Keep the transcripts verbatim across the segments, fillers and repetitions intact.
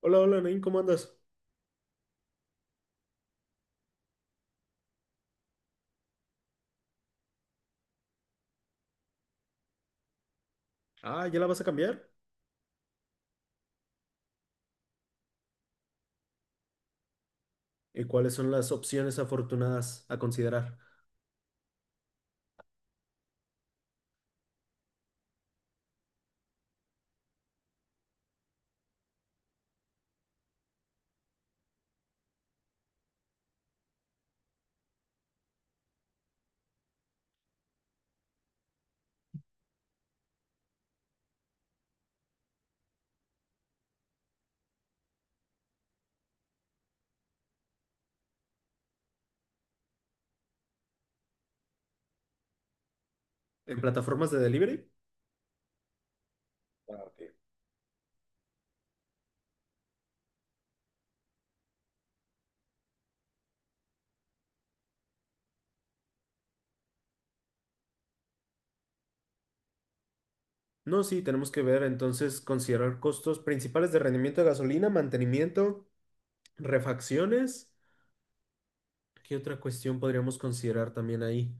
Hola, hola, Nain, ¿cómo andas? Ah, ¿ya la vas a cambiar? ¿Y cuáles son las opciones afortunadas a considerar? ¿En plataformas de delivery? Ah, ok. No, sí, tenemos que ver entonces considerar costos principales de rendimiento de gasolina, mantenimiento, refacciones. ¿Qué otra cuestión podríamos considerar también ahí?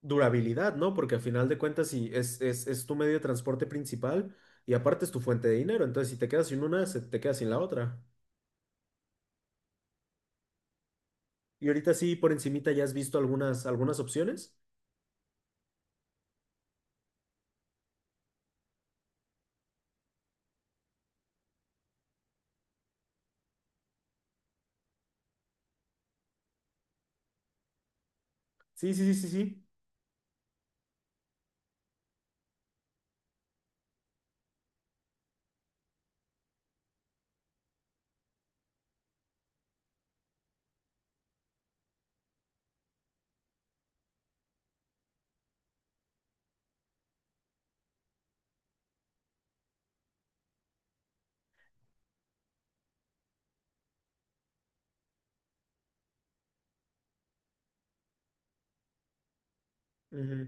Durabilidad, ¿no? Porque a final de cuentas, si es, es, es tu medio de transporte principal y aparte es tu fuente de dinero, entonces si te quedas sin una, se te quedas sin la otra. Y ahorita sí, por encimita, ¿ya has visto algunas, algunas opciones? Sí, sí, sí, sí, sí. Ujú.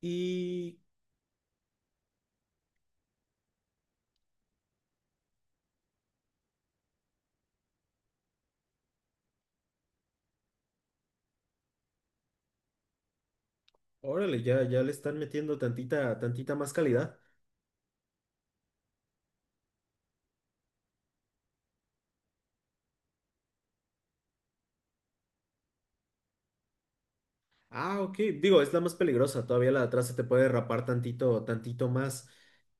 Y órale, ya, ya le están metiendo tantita, tantita más calidad. Ah, ok. Digo, es la más peligrosa. Todavía la de atrás se te puede derrapar tantito, tantito más.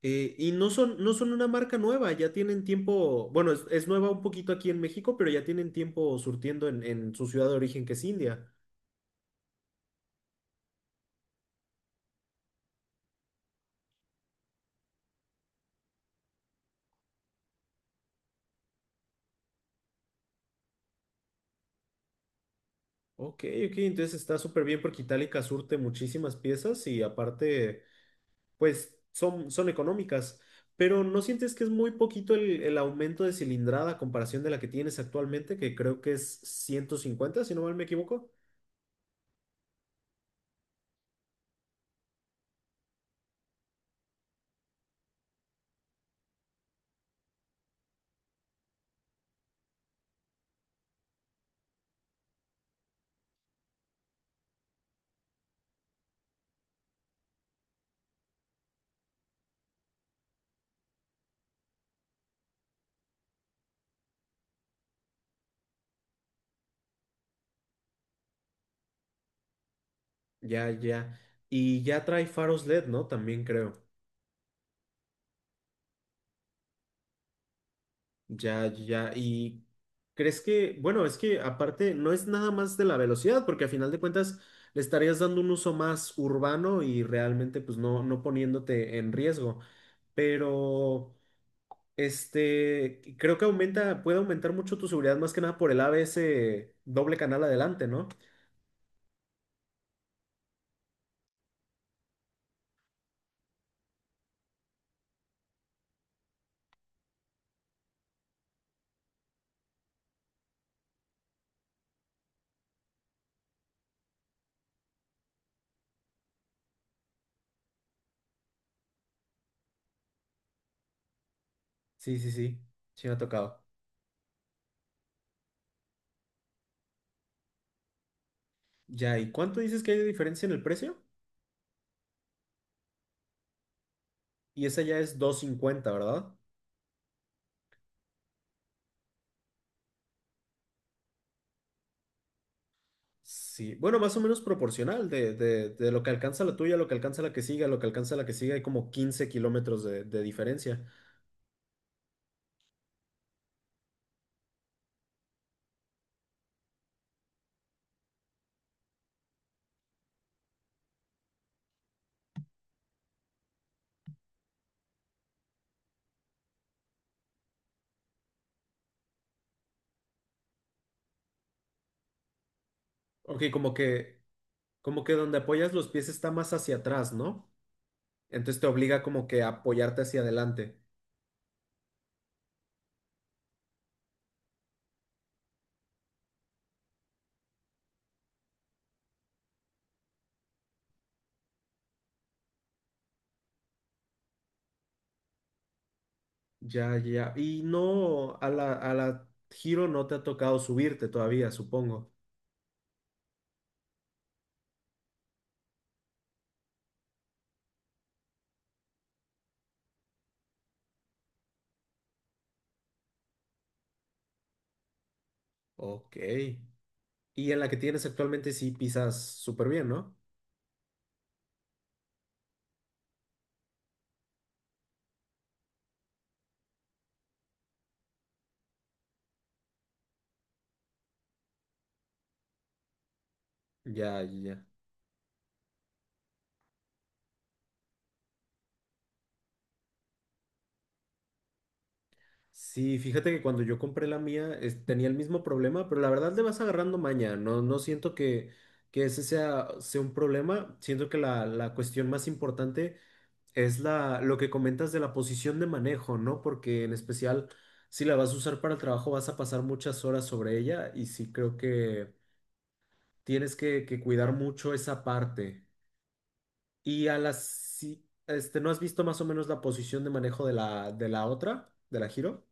Eh, y no son, no son una marca nueva, ya tienen tiempo. Bueno, es, es nueva un poquito aquí en México, pero ya tienen tiempo surtiendo en, en su ciudad de origen, que es India. Ok, ok, entonces está súper bien porque Itálica surte muchísimas piezas y aparte. Pues son, son económicas, pero ¿no sientes que es muy poquito el, el aumento de cilindrada a comparación de la que tienes actualmente, que creo que es ciento cincuenta si no mal me equivoco? Ya, ya. Y ya trae faros L E D, ¿no? También creo. Ya, ya. Y crees que, bueno, es que aparte no es nada más de la velocidad, porque a final de cuentas le estarías dando un uso más urbano y realmente pues no, no poniéndote en riesgo. Pero… Este, creo que aumenta, puede aumentar mucho tu seguridad, más que nada por el A B S doble canal adelante, ¿no? Sí, sí, sí, sí me ha tocado. Ya, ¿y cuánto dices que hay de diferencia en el precio? Y esa ya es dos cincuenta, ¿verdad? Sí, bueno, más o menos proporcional de, de, de lo que alcanza la tuya, lo que alcanza la que siga, lo que alcanza la que siga, hay como quince kilómetros de, de diferencia. Ok, como que, como que donde apoyas los pies está más hacia atrás, ¿no? Entonces te obliga como que a apoyarte hacia adelante. Ya, ya. Y no, a la, a la Giro no te ha tocado subirte todavía, supongo. Ok. Y en la que tienes actualmente sí pisas súper bien, ¿no? Ya, ya, ya. Sí, fíjate que cuando yo compré la mía es- tenía el mismo problema, pero la verdad le vas agarrando maña. No, no siento que, que ese sea, sea un problema. Siento que la, la cuestión más importante es la, lo que comentas de la posición de manejo, ¿no? Porque en especial, si la vas a usar para el trabajo, vas a pasar muchas horas sobre ella y sí creo que tienes que, que cuidar mucho esa parte. Y a las, si- este, ¿no has visto más o menos la posición de manejo de la, de la otra, de la giro.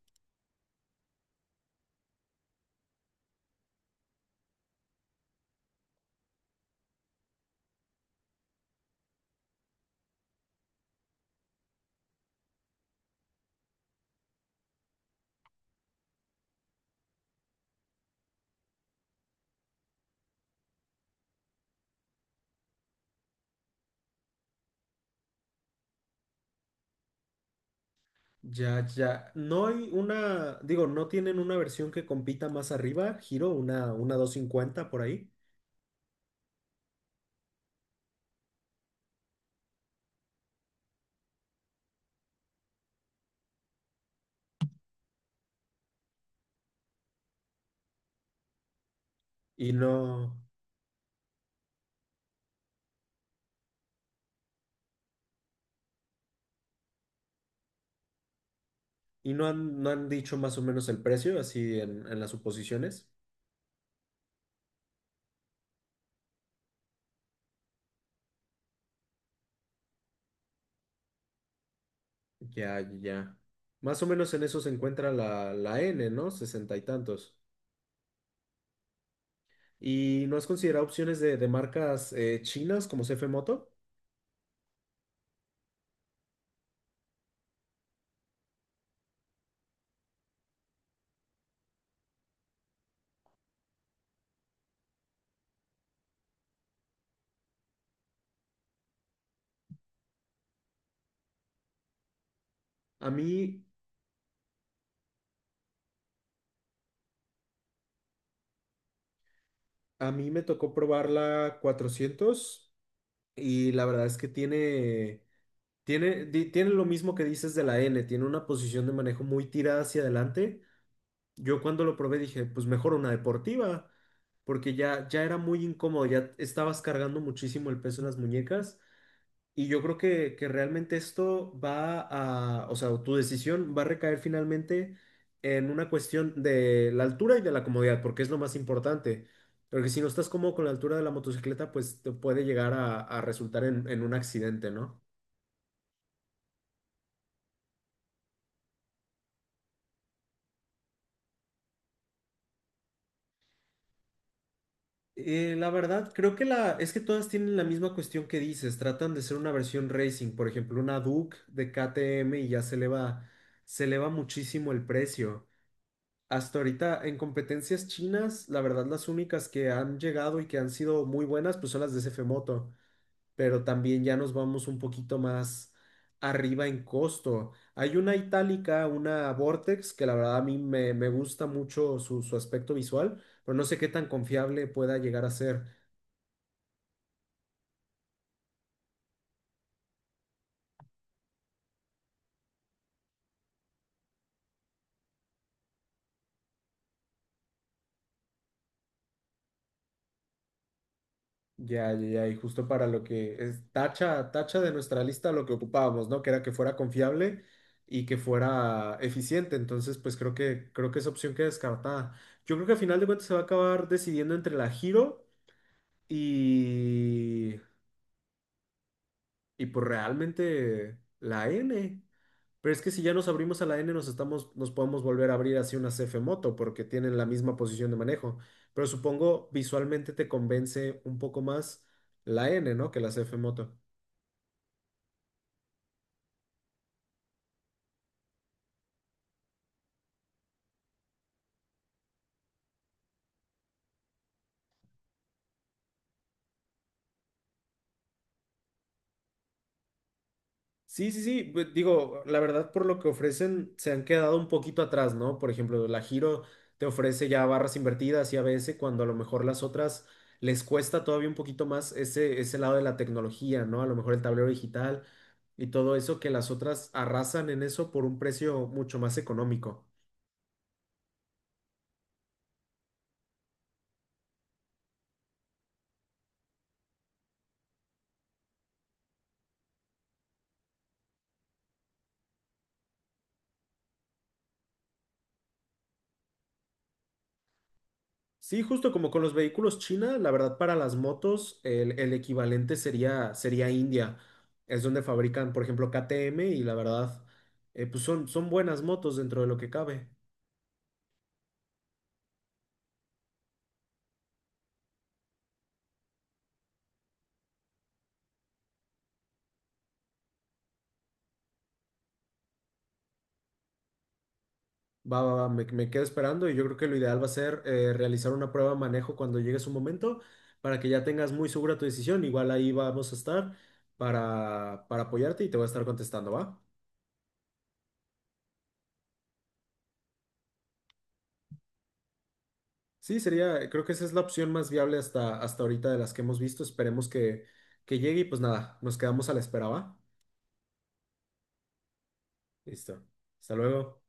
Ya, ya. No hay una, digo, no tienen una versión que compita más arriba, giro una, una doscientos cincuenta por ahí. Y no, y no han, no han dicho más o menos el precio, así en en las suposiciones. Ya, ya, ya. Más o menos en eso se encuentra la, la N, ¿no? Sesenta y tantos. ¿Y no has considerado opciones de, de marcas eh, chinas como C F Moto? A mí, a mí me tocó probar la cuatrocientos y la verdad es que tiene, tiene, di- tiene lo mismo que dices de la N, tiene una posición de manejo muy tirada hacia adelante. Yo cuando lo probé dije, pues mejor una deportiva, porque ya, ya era muy incómodo, ya estabas cargando muchísimo el peso en las muñecas. Y yo creo que, que realmente esto va a, o sea, tu decisión va a recaer finalmente en una cuestión de la altura y de la comodidad, porque es lo más importante. Porque si no estás cómodo con la altura de la motocicleta, pues te puede llegar a, a resultar en, en un accidente, ¿no? Eh, la verdad, creo que la, es que todas tienen la misma cuestión que dices, tratan de ser una versión racing, por ejemplo, una Duke de K T M y ya se eleva, se eleva muchísimo el precio. Hasta ahorita en competencias chinas, la verdad las únicas que han llegado y que han sido muy buenas pues son las de S F Moto, pero también ya nos vamos un poquito más arriba en costo. Hay una itálica, una Vortex, que la verdad a mí me, me gusta mucho su, su aspecto visual, pero no sé qué tan confiable pueda llegar a ser. Ya, ya, ya, y justo para lo que es tacha, tacha de nuestra lista lo que ocupábamos, ¿no? Que era que fuera confiable y que fuera eficiente. Entonces, pues creo que, creo que esa opción queda descartada. Yo creo que al final de cuentas se va a acabar decidiendo entre la Giro y, y pues realmente la N. Pero es que si ya nos abrimos a la N, nos estamos, nos podemos volver a abrir así una c f Moto, porque tienen la misma posición de manejo. Pero supongo visualmente te convence un poco más la N, ¿no? Que la c f Moto. Sí, sí, sí, pues, digo, la verdad por lo que ofrecen se han quedado un poquito atrás, ¿no? Por ejemplo, la Giro te ofrece ya barras invertidas y a ABS cuando a lo mejor las otras les cuesta todavía un poquito más ese, ese lado de la tecnología, ¿no? A lo mejor el tablero digital y todo eso que las otras arrasan en eso por un precio mucho más económico. Sí, justo como con los vehículos China, la verdad para las motos el, el equivalente sería, sería India. Es donde fabrican, por ejemplo, K T M y la verdad, eh, pues son, son buenas motos dentro de lo que cabe. Va, va, va, me, me quedo esperando y yo creo que lo ideal va a ser eh, realizar una prueba de manejo cuando llegue su momento para que ya tengas muy segura tu decisión. Igual ahí vamos a estar para, para apoyarte y te voy a estar contestando, ¿va? Sí, sería, creo que esa es la opción más viable hasta, hasta ahorita de las que hemos visto. Esperemos que, que llegue y pues nada, nos quedamos a la espera, ¿va? Listo. Hasta luego.